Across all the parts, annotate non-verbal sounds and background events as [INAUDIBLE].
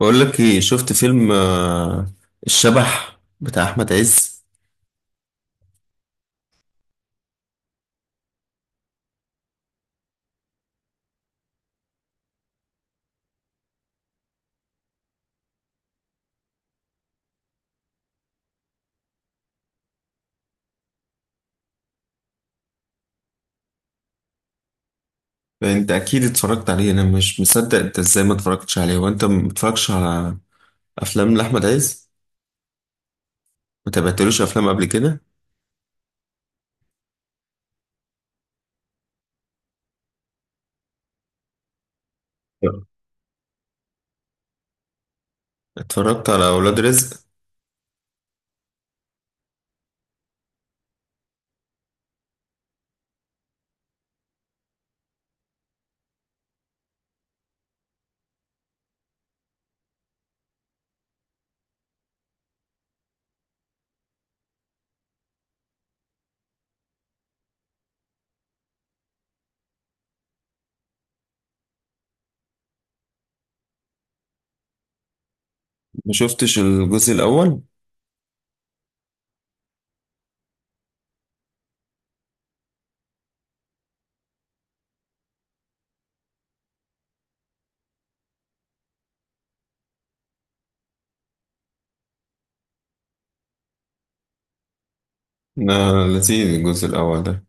بقول لك ايه؟ شفت فيلم الشبح بتاع احمد عز؟ انت اكيد اتفرجت عليه، انا مش مصدق انت ازاي ما اتفرجتش عليه وانت ما بتتفرجش على افلام لاحمد عز. ما تابعتلوش افلام قبل كده؟ لا. اتفرجت على اولاد رزق. ما شفتش الجزء الاول؟ لا، لذيذ الجزء الاول ده،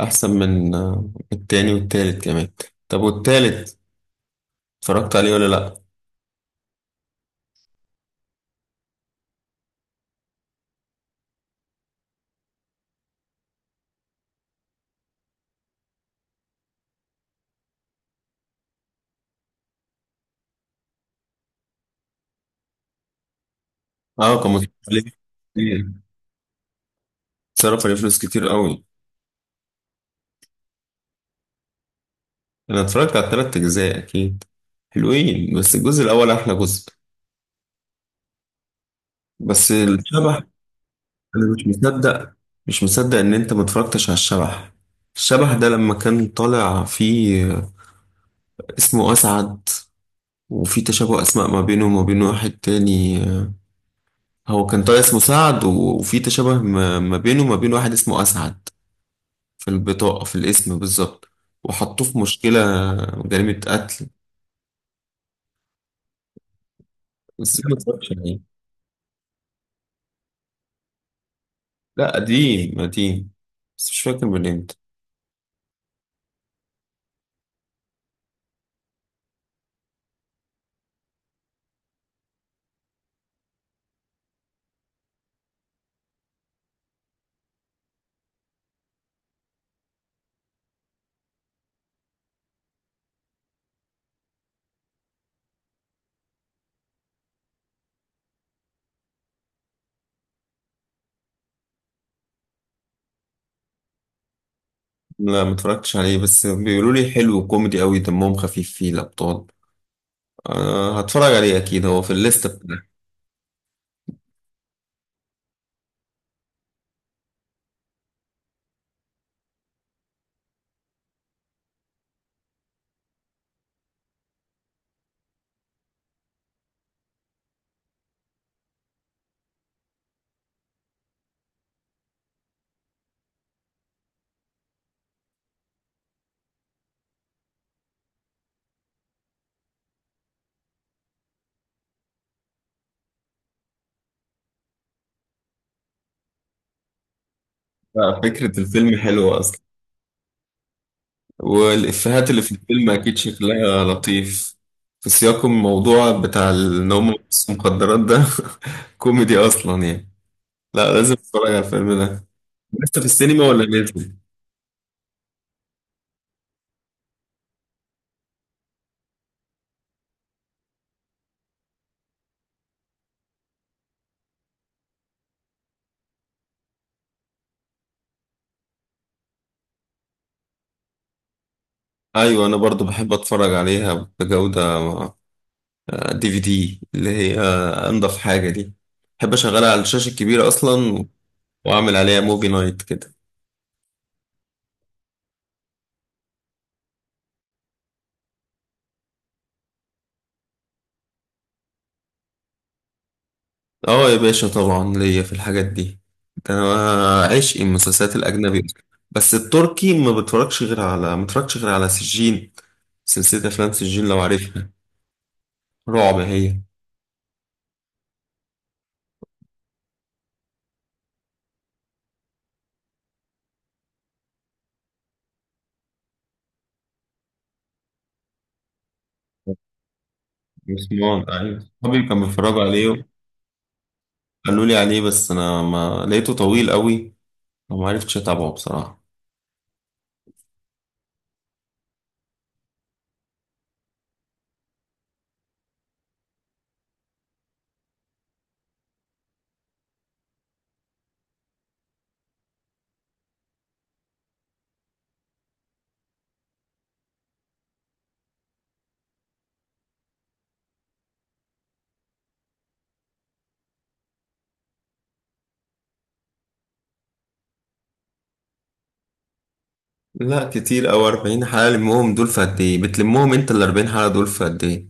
احسن من التاني والتالت كمان. طب والتالت اتفرجت عليه ولا لا؟ اه، كان مصروف عليه كتير. اتصرف عليه فلوس كتير قوي. انا اتفرجت على التلات اجزاء اكيد، حلوين بس الجزء الاول احلى جزء. بس الشبح، انا مش مصدق، مش مصدق ان انت ما اتفرجتش على الشبح. الشبح ده لما كان طالع فيه اسمه اسعد، وفي تشابه اسماء ما بينه وما بين واحد تاني. هو كان طالع اسمه سعد وفي تشابه ما بينه وما بين واحد اسمه اسعد، في البطاقة في الاسم بالظبط، وحطوه في مشكلة جريمة قتل. بس ما اتفرجتش عليه. لا، قديم قديم بس مش فاكر من امتى. لا، ما اتفرجتش عليه، بس بيقولوا لي حلو وكوميدي قوي، دمهم خفيف فيه الابطال. أه، هتفرج عليه اكيد، هو في الليسته بتاعتي. لا، فكره الفيلم حلوه اصلا، والافيهات اللي في الفيلم اكيد شكلها لطيف. في سياق الموضوع بتاع ان هم بيبصوا مخدرات ده [LAUGHS] كوميدي اصلا يعني. لا، لازم اتفرج على الفيلم ده. لسه في السينما ولا نازل؟ ايوه، انا برضو بحب اتفرج عليها بجوده. دي في دي اللي هي انضف حاجه دي. بحب اشغلها على الشاشه الكبيره اصلا، واعمل عليها موفي نايت كده. اه يا باشا، طبعا ليا في الحاجات دي. ده انا عشق المسلسلات الاجنبي اصلا. بس التركي ما بتفرجش غير على ما بتفرجش غير على سجين. سلسله افلام سجين، لو عارفها، رعب هي. مسمار، ايوه، صحابي كانوا بيتفرجوا عليه، قالوا لي عليه، بس انا ما لقيته طويل قوي فما عرفتش اتابعه بصراحه. لا كتير أوي 40 حلقة، لمهم دول في قد إيه؟ بتلمهم أنت ال 40 حلقة دول في قد إيه؟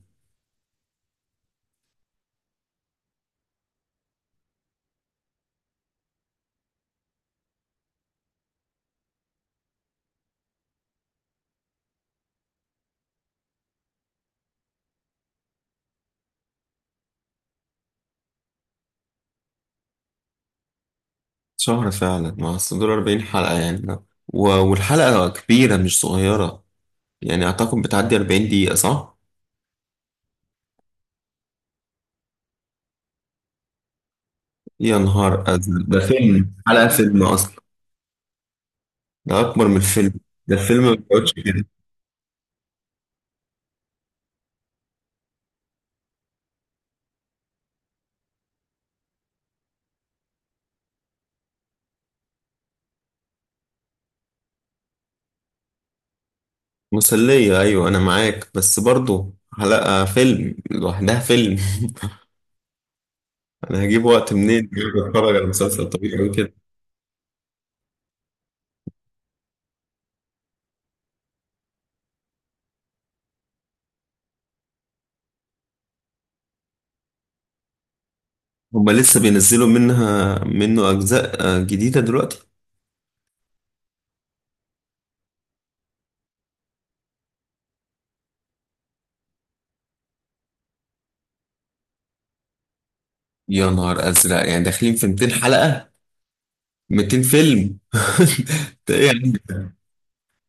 شهر فعلا، ما أصل دول 40 حلقة يعني. لا. والحلقة كبيرة مش صغيرة، يعني أعتقد بتعدي 40 دقيقة، صح؟ يا نهار أزرق، ده فيلم، حلقة فيلم أصلا. ده أكبر من الفيلم. ده الفيلم ما بيقعدش كده. مسلية، أيوة أنا معاك، بس برضه حلقة فيلم لوحدها فيلم. [LAUGHS] أنا هجيب وقت منين أتفرج على مسلسل طويل أوي كده؟ هما لسه بينزلوا منه أجزاء جديدة دلوقتي؟ يا نهار أزرق، يعني داخلين في 200 حلقة، 200 فيلم. [LAUGHS] ده إيه يا عم ده؟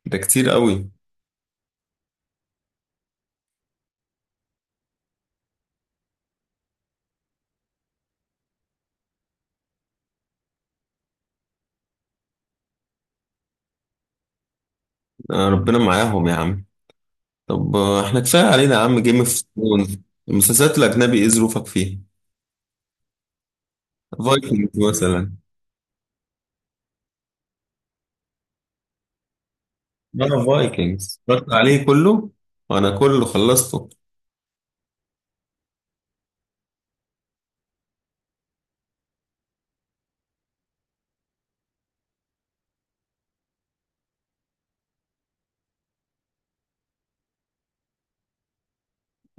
ده كتير قوي. ربنا معاهم يا عم. طب إحنا كفاية علينا يا عم جيم اوف ثرونز. المسلسلات الأجنبي إيه ظروفك فيها؟ فايكنجز مثلا؟ أنا فايكنجز اتفرجت عليه كله، وأنا كله خلصته.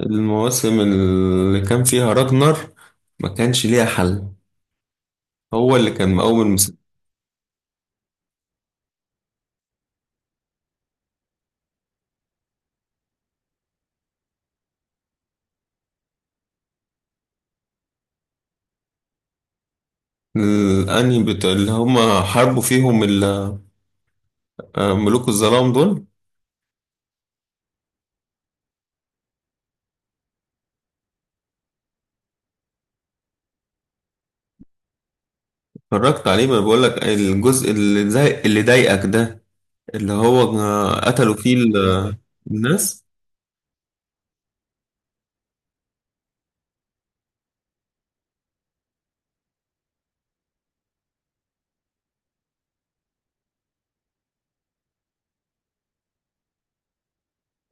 المواسم اللي كان فيها راجنر ما كانش ليها حل، هو اللي كان مقوم. الانمي بتاع اللي هم حاربوا فيهم ال- ملوك الظلام دول؟ اتفرجت عليه، ما بقول لك الجزء اللي زي اللي ضايقك ده، اللي هو قتلوا فيه ال- آه، الناس.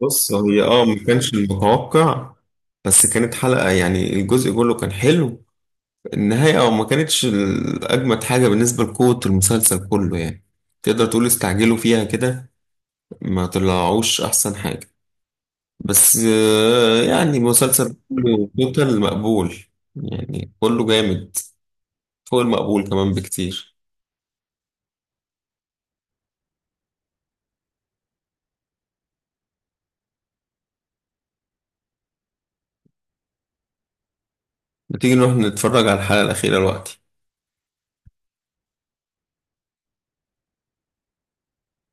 بص، هي اه ما كانش المتوقع، بس كانت حلقة يعني الجزء كله كان حلو. النهاية اه ما كانتش ال- أجمد حاجة بالنسبة لقوة المسلسل كله يعني. تقدر تقول استعجلوا فيها كده، ما طلعوش أحسن حاجة، بس يعني مسلسل كله توتال مقبول، يعني كله جامد، فوق المقبول كمان بكتير. بتيجي نروح نتفرج على الحلقة الأخيرة دلوقتي؟